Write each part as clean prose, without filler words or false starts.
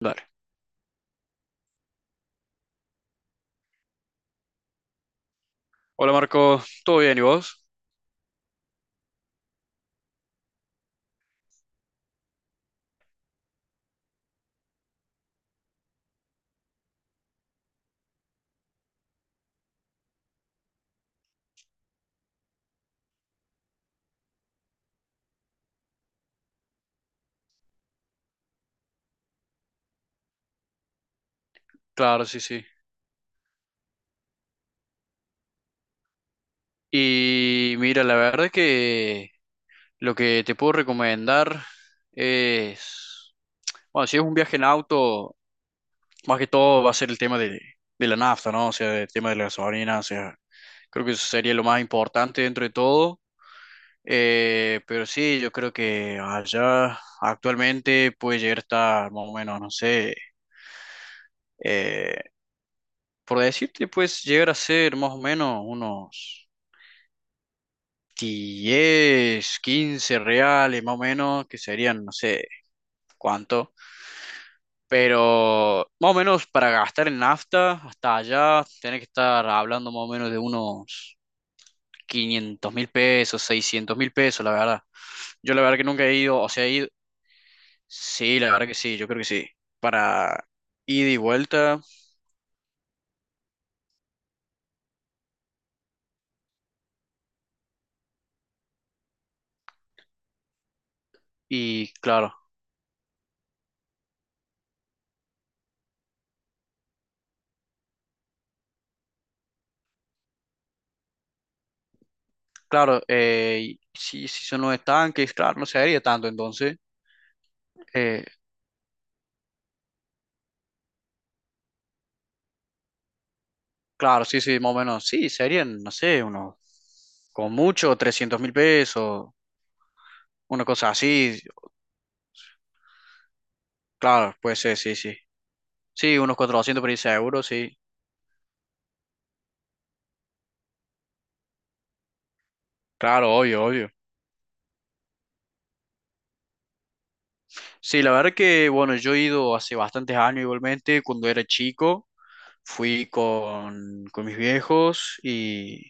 Dale. Hola Marco, ¿todo bien y vos? Claro, sí, sí. Y mira, la verdad que lo que te puedo recomendar es, bueno, si es un viaje en auto, más que todo va a ser el tema de la nafta, ¿no? O sea, el tema de la gasolina, o sea, creo que eso sería lo más importante dentro de todo. Pero sí, yo creo que allá actualmente puede llegar a estar más o menos, no sé, eh, por decirte, puedes llegar a ser más o menos unos 10 15 reales más o menos, que serían no sé cuánto, pero más o menos para gastar en nafta hasta allá tenés que estar hablando más o menos de unos 500.000 pesos, 600.000 pesos, la verdad. Yo la verdad que nunca he ido, o sea, he ido, sí, la verdad que sí, yo creo que sí, para ida y vuelta. Y claro, claro, y si, son los estanques, claro, no se haría tanto entonces. eh, Claro, sí, sí, más o menos. Sí, serían, no sé, unos, con mucho, 300.000 pesos, una cosa así. Claro, puede ser, sí, sí. Sí, unos 400 por ahí seguro, sí. Claro, obvio, obvio. Sí, la verdad que, bueno, yo he ido hace bastantes años igualmente, cuando era chico, fui con mis viejos y,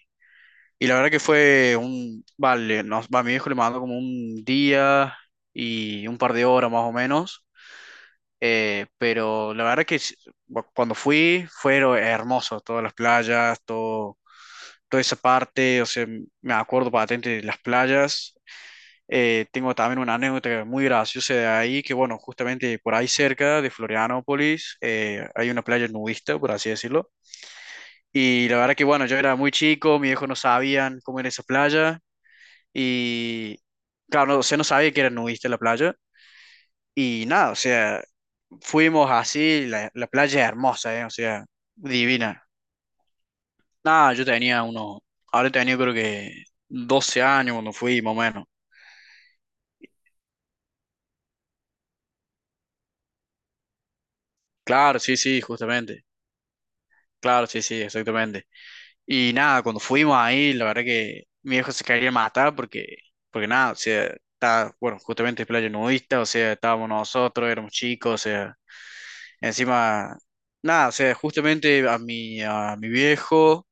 y la verdad que vale, mi viejo le mandó como un día y un par de horas más o menos. Pero la verdad que cuando fui, fue hermoso, todas las playas, todo, toda esa parte, o sea, me acuerdo patente de las playas. Tengo también una anécdota muy graciosa de ahí, que bueno, justamente por ahí cerca de Florianópolis, hay una playa nudista, por así decirlo. Y la verdad que bueno, yo era muy chico, mis viejos no sabían cómo era esa playa, y claro, no, o sea, no sabía que era nudista la playa. Y nada, o sea, fuimos así, la playa es hermosa, ¿eh? O sea, divina. Nada, yo tenía unos, ahora tenía creo que 12 años cuando fui, más o menos. Claro, sí, sí, justamente. Claro, sí, sí, exactamente. Y nada, cuando fuimos ahí, la verdad que mi viejo se quería matar porque nada, o sea, está, bueno, justamente es playa nudista, o sea, estábamos nosotros, éramos chicos, o sea, encima, nada, o sea, justamente a mi viejo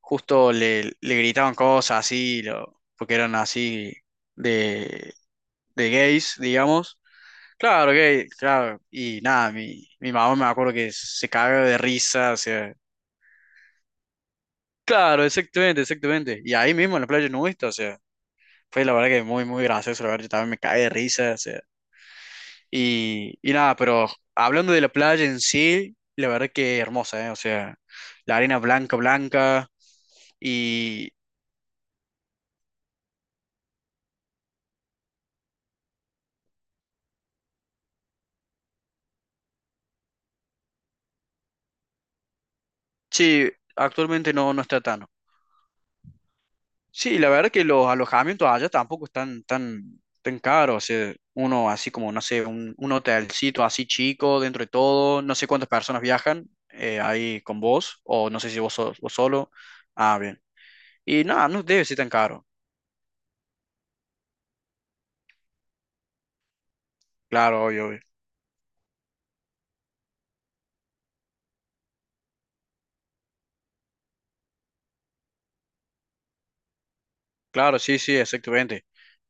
justo le gritaban cosas así, porque eran así de, de gays, digamos. Claro, gay, claro. Y nada, mi mamá me acuerdo que se cagó de risa, o sea. Claro, exactamente, exactamente. Y ahí mismo en la playa nudista, o sea, fue la verdad que muy, muy gracioso, la verdad, yo también me caí de risa, o sea. Y nada, pero hablando de la playa en sí, la verdad que hermosa, ¿eh? O sea, la arena blanca, blanca. Y sí, actualmente no, no está tan. Sí, la verdad que los alojamientos allá tampoco están tan, tan caros. O sea, uno así como, no sé, un, hotelcito así chico dentro de todo. No sé cuántas personas viajan ahí con vos, o no sé si vos, vos solo. Ah, bien. Y nada, no debe ser tan caro. Claro, obvio, obvio. Claro, sí, sí, exactamente.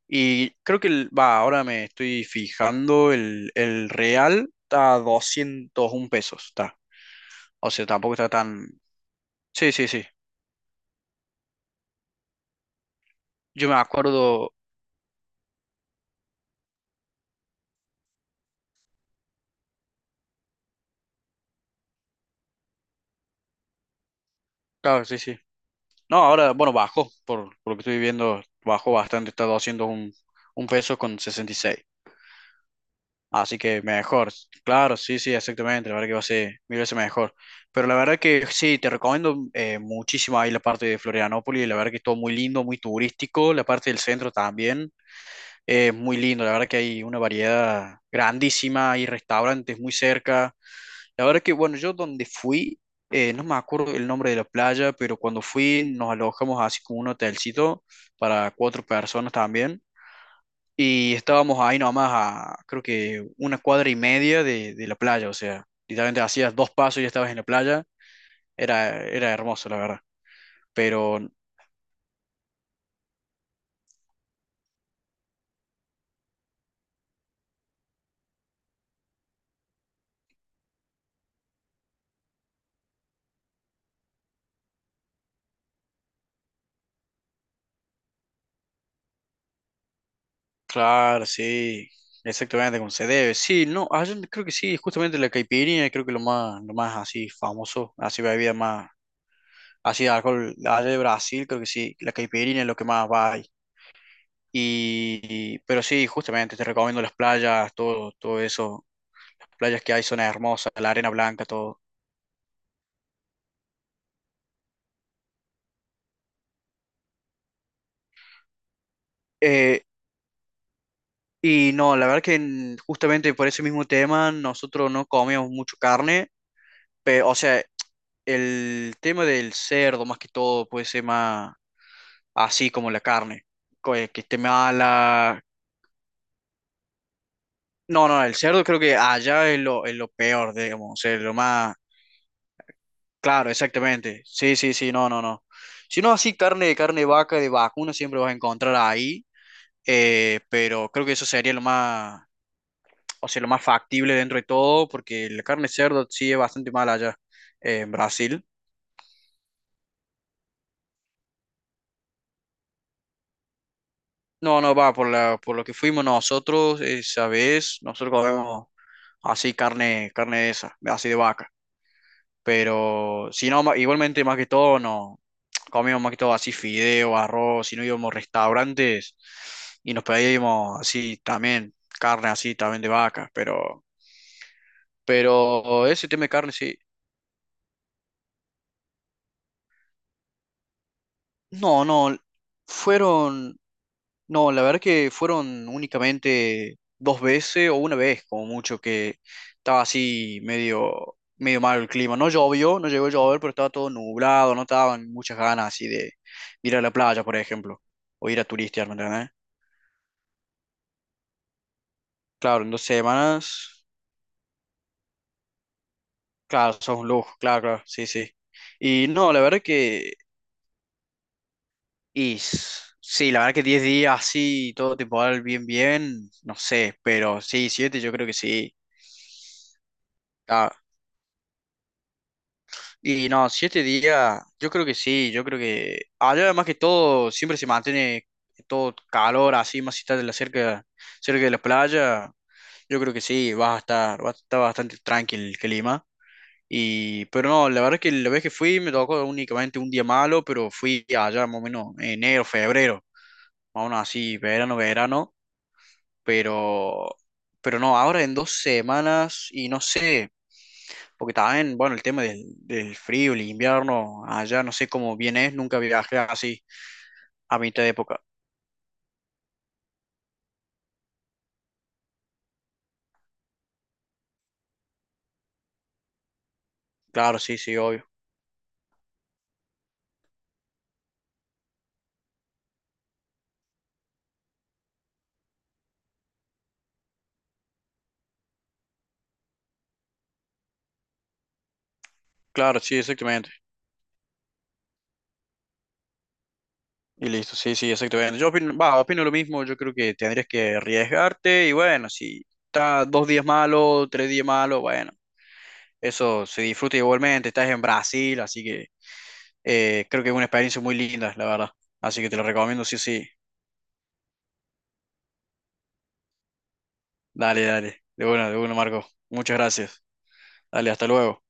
Y creo que, ahora me estoy fijando, el real está a 201 pesos, está. O sea, tampoco está tan. Sí, sí, sí. Yo me acuerdo, claro, sí, sí. No, ahora, bueno, bajo por lo que estoy viendo, bajo bastante, está haciendo un peso con 66. Así que mejor, claro, sí, sí, exactamente, la verdad que va a ser mil veces mejor. Pero la verdad que sí, te recomiendo muchísimo ahí la parte de Florianópolis, la verdad que es todo muy lindo, muy turístico, la parte del centro también, es muy lindo, la verdad que hay una variedad grandísima, hay restaurantes muy cerca. La verdad que, bueno, yo donde fui, no me acuerdo el nombre de la playa, pero cuando fui nos alojamos así como un hotelcito para cuatro personas también. Y estábamos ahí nomás a, creo que una cuadra y media de la playa, o sea, literalmente hacías 2 pasos y ya estabas en la playa. Era hermoso, la verdad. Pero, claro, sí, exactamente como se debe. Sí, no, ah, yo creo que sí, justamente la caipirinha, creo que lo más así famoso, así bebida más, así de alcohol, allá de Brasil, creo que sí, la caipirinha es lo que más va ahí. Pero sí, justamente te recomiendo las playas, todo, todo eso, las playas que hay son hermosas, la arena blanca, todo. Eh, Y no, la verdad que justamente por ese mismo tema nosotros no comíamos mucho carne, pero, o sea, el tema del cerdo más que todo puede ser más así como la carne, que esté mala. No, no, el cerdo creo que allá es lo, peor, digamos, o sea, lo más. Claro, exactamente. Sí, sí, sí, no, no, no. Si no, así carne de vaca, de vacuna, siempre vas a encontrar ahí, pero creo que eso sería lo más, o sea, lo más factible dentro de todo, porque la carne de cerdo sí es bastante mala allá en Brasil. No, no, por lo que fuimos nosotros esa vez, nosotros comemos así carne de esa, así de vaca. Pero si no, igualmente más que todo, no. Comíamos más que todo así fideo, arroz, si no íbamos a restaurantes y nos pedíamos así también, carne así también de vaca, pero ese tema de carne sí. No, no, fueron, no, la verdad que fueron únicamente 2 veces o una vez como mucho que estaba así medio, medio mal el clima. No llovió, no llegó a llover, pero estaba todo nublado, no estaban muchas ganas así de ir a la playa, por ejemplo, o ir a turistear, ¿me entendés? Claro, en 2 semanas, claro, sos un lujo, claro, claro, sí, sí. Y no, la verdad que sí, la verdad que 10 días así, todo temporal bien, bien, no sé, pero sí, 7 yo creo que sí. Ah, y no, 7 días, yo creo que sí, yo creo que. Allá además que todo, siempre se mantiene todo calor así, más si estás cerca de la playa, yo creo que sí, vas a estar, bastante tranquilo que Lima. Pero no, la verdad que la vez que fui me tocó únicamente un día malo, pero fui allá más o menos enero, febrero, más o menos así, verano, verano. pero, pero no, ahora en 2 semanas y no sé, porque también, bueno, el tema del frío, el invierno, allá no sé cómo bien es, nunca viajé así a mitad de época. Claro, sí, sí, obvio. Claro, sí, exactamente. Y listo, sí, sí, exactamente. Yo opino lo mismo, yo creo que tendrías que arriesgarte y bueno, si está 2 días malo, 3 días malo, bueno, eso se disfruta igualmente, estás en Brasil, así que creo que es una experiencia muy linda, la verdad. Así que te lo recomiendo, sí, sí. Dale, dale. De bueno, Marco. Muchas gracias. Dale, hasta luego.